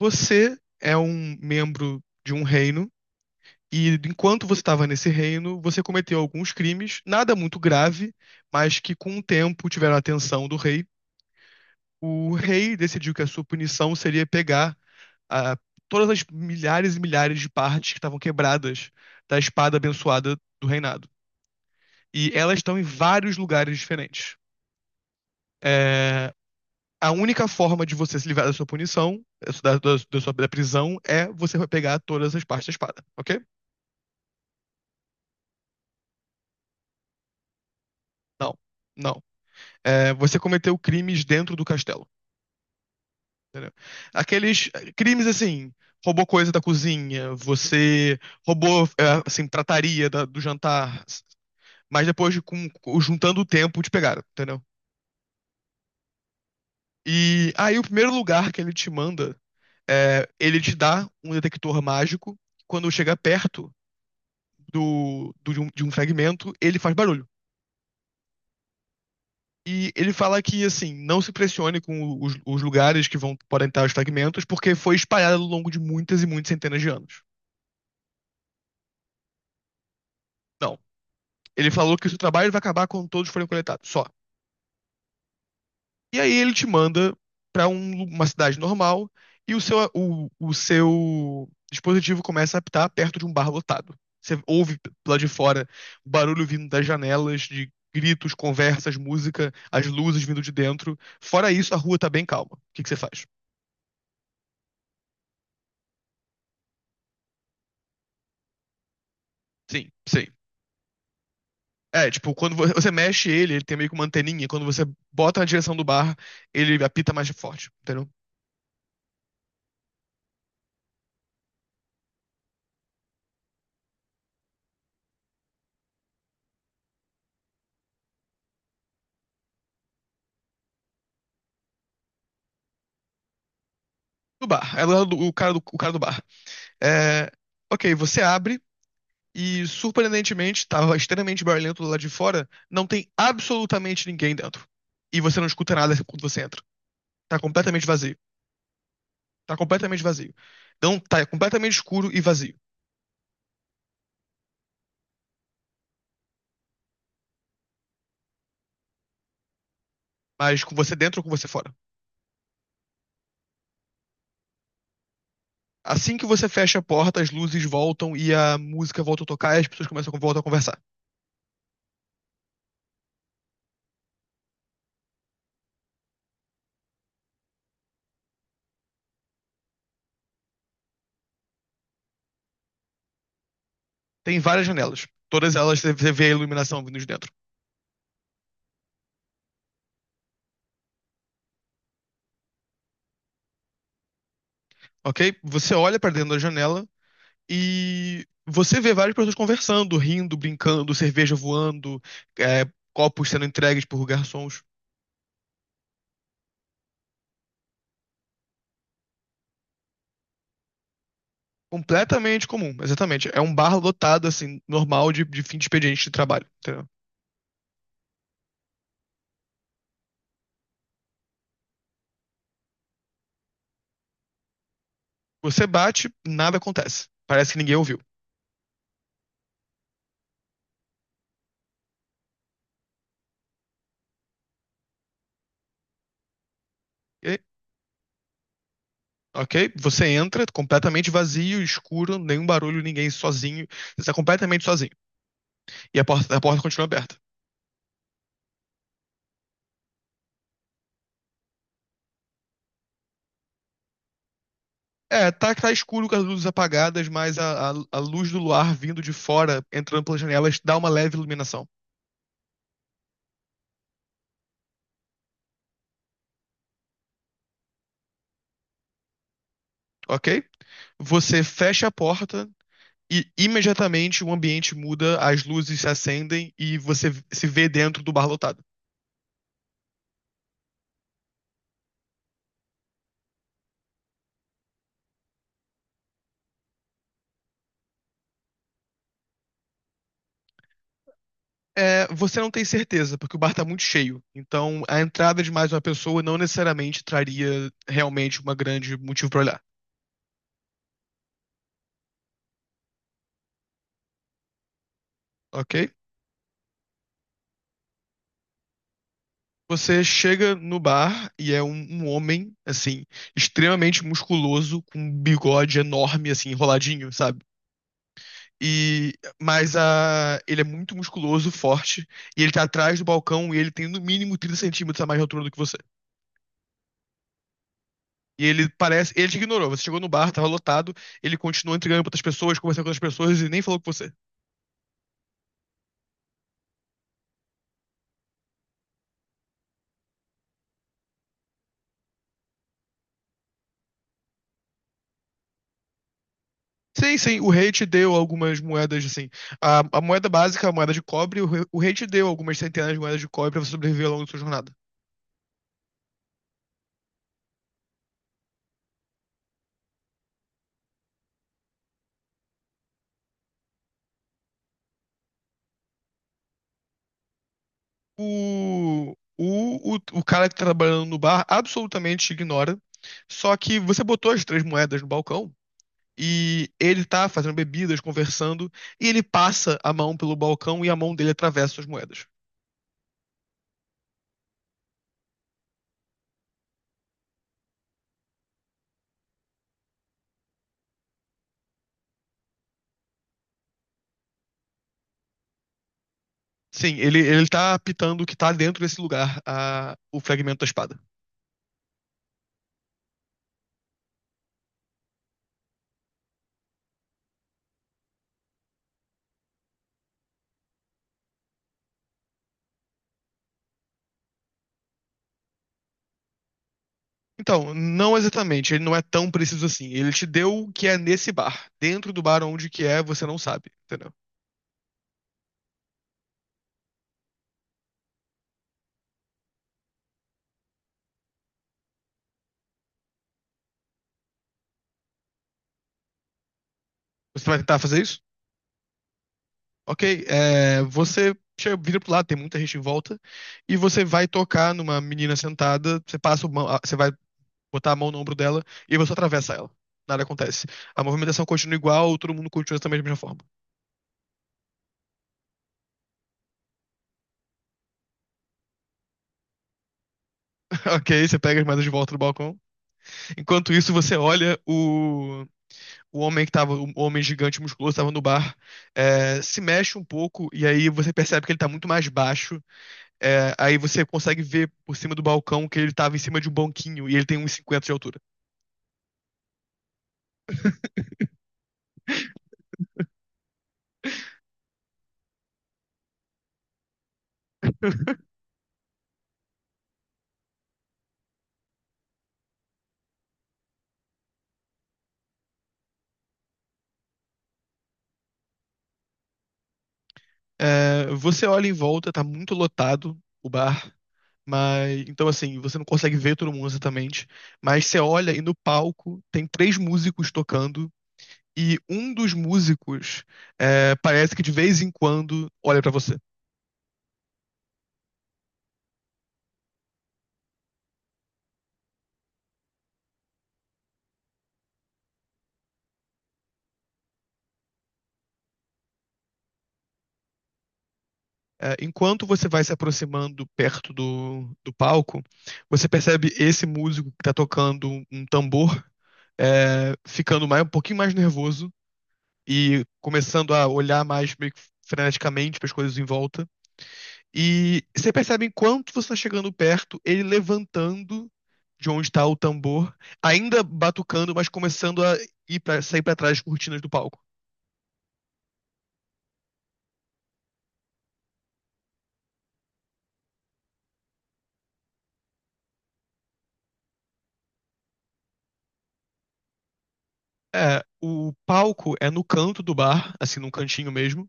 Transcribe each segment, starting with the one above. Você é um membro de um reino, e enquanto você estava nesse reino, você cometeu alguns crimes, nada muito grave, mas que com o tempo tiveram a atenção do rei. O rei decidiu que a sua punição seria pegar ah, todas as milhares e milhares de partes que estavam quebradas da espada abençoada do reinado. E elas estão em vários lugares diferentes. É, a única forma de você se livrar da sua punição, da prisão, é você pegar todas as partes da espada, ok? Não, não. É, você cometeu crimes dentro do castelo. Entendeu? Aqueles crimes assim, roubou coisa da cozinha, você roubou assim, trataria do jantar, mas depois de juntando o tempo te pegaram, entendeu? E aí o primeiro lugar que ele te manda é, ele te dá um detector mágico. Quando chega perto de um fragmento, ele faz barulho. E ele fala que, assim, não se pressione com os lugares que vão, podem estar os fragmentos, porque foi espalhado ao longo de muitas e muitas centenas de anos. Não. Ele falou que o seu trabalho vai acabar quando todos forem coletados, só. E aí ele te manda para uma cidade normal e o seu dispositivo começa a apitar perto de um bar lotado. Você ouve lá de fora barulho vindo das janelas, de gritos, conversas, música, as luzes vindo de dentro. Fora isso, a rua tá bem calma. O que que você faz? Sim, sim. É, tipo, quando você mexe ele, ele tem meio que uma anteninha. Quando você bota na direção do bar, ele apita mais forte, entendeu? Do bar. É lá o cara o cara do bar. É, ok, você abre e, surpreendentemente, estava extremamente barulhento do lado de fora. Não tem absolutamente ninguém dentro. E você não escuta nada quando você entra. Tá completamente vazio. Tá completamente vazio. Não, tá completamente escuro e vazio. Mas com você dentro ou com você fora. Assim que você fecha a porta, as luzes voltam e a música volta a tocar e as pessoas começam a voltar a conversar. Tem várias janelas. Todas elas você vê a iluminação vindo de dentro, ok? Você olha pra dentro da janela e você vê várias pessoas conversando, rindo, brincando, cerveja voando, é, copos sendo entregues por garçons. Completamente comum, exatamente. É um bar lotado, assim, normal de fim de expediente de trabalho, entendeu? Você bate, nada acontece. Parece que ninguém ouviu. E- ok? Você entra completamente vazio, escuro, nenhum barulho, ninguém sozinho. Você está completamente sozinho. E a porta continua aberta. É, tá escuro com as luzes apagadas, mas a luz do luar vindo de fora, entrando pelas janelas, dá uma leve iluminação, ok? Você fecha a porta e imediatamente o ambiente muda, as luzes se acendem e você se vê dentro do bar lotado. É, você não tem certeza, porque o bar tá muito cheio. Então, a entrada de mais uma pessoa não necessariamente traria realmente uma grande motivo pra olhar, ok? Você chega no bar e é um, um homem, assim, extremamente musculoso, com um bigode enorme, assim, enroladinho, sabe? E, mas a, ele é muito musculoso, forte, e ele tá atrás do balcão e ele tem no mínimo 30 centímetros a mais de altura do que você. E ele parece, ele te ignorou, você chegou no bar, tava lotado, ele continuou entregando pra outras pessoas, conversando com outras pessoas e nem falou com você. Sim, sim, o rei te deu algumas moedas, assim, a moeda básica, a moeda de cobre, o rei te deu algumas centenas de moedas de cobre pra você sobreviver ao longo da sua jornada. O cara que tá trabalhando no bar absolutamente te ignora. Só que você botou as três moedas no balcão e ele tá fazendo bebidas, conversando, e ele passa a mão pelo balcão e a mão dele atravessa as moedas. Sim, ele tá apitando o que tá dentro desse lugar, a, o fragmento da espada. Então, não exatamente, ele não é tão preciso assim. Ele te deu o que é nesse bar. Dentro do bar onde que é, você não sabe, entendeu? Você vai tentar fazer isso? Ok, é, você chega, vira pro lado, tem muita gente em volta, e você vai tocar numa menina sentada, você passa você vai botar a mão no ombro dela e você atravessa ela. Nada acontece. A movimentação continua igual, todo mundo continua também da mesma forma. Ok, você pega as moedas de volta do balcão. Enquanto isso, você olha o homem que tava, o homem gigante musculoso estava no bar, é, se mexe um pouco, e aí você percebe que ele tá muito mais baixo. É, aí você consegue ver por cima do balcão que ele tava em cima de um banquinho e ele tem uns 50 de altura. É, você olha em volta, tá muito lotado o bar, mas então assim, você não consegue ver todo mundo exatamente, mas você olha e no palco tem três músicos tocando e um dos músicos é, parece que de vez em quando olha pra você. É, enquanto você vai se aproximando perto do palco, você percebe esse músico que tá tocando um tambor é, ficando mais, um pouquinho mais nervoso e começando a olhar mais meio que freneticamente para as coisas em volta. E você percebe enquanto você está chegando perto, ele levantando de onde está o tambor, ainda batucando, mas começando a ir pra, sair para trás das cortinas do palco. É, o palco é no canto do bar, assim, num cantinho mesmo.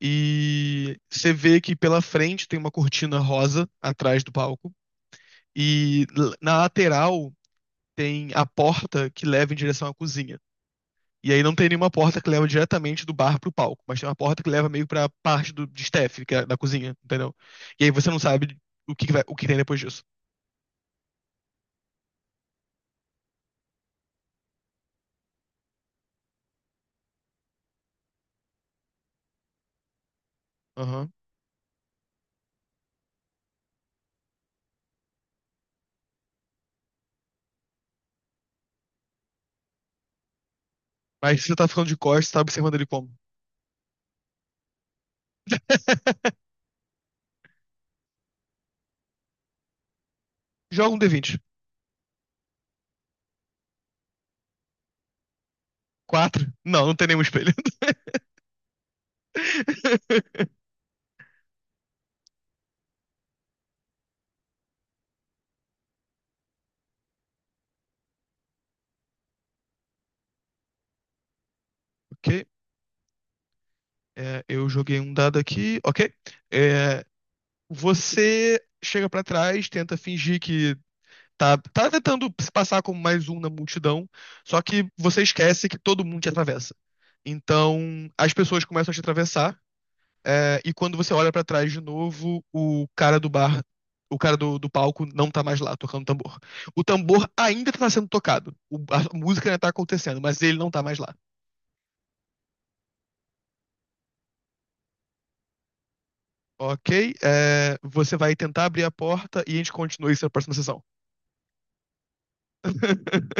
E você vê que pela frente tem uma cortina rosa atrás do palco. E na lateral tem a porta que leva em direção à cozinha. E aí não tem nenhuma porta que leva diretamente do bar pro palco, mas tem uma porta que leva meio pra parte de staff, que é da cozinha, entendeu? E aí você não sabe o que, que vai, o que tem depois disso. Aham. Mas se você tá ficando de costas, você tá observando ele como? Joga um D20. Quatro? Não, não tem nenhum espelho. Ok. É, eu joguei um dado aqui. Ok. É, você chega pra trás, tenta fingir que tá, tá tentando se passar como mais um na multidão, só que você esquece que todo mundo te atravessa. Então, as pessoas começam a te atravessar, é, e quando você olha pra trás de novo, o cara do bar, o cara do palco não tá mais lá tocando tambor. O tambor ainda tá sendo tocado, a música ainda tá acontecendo, mas ele não tá mais lá. Ok, é, você vai tentar abrir a porta e a gente continua isso na próxima sessão.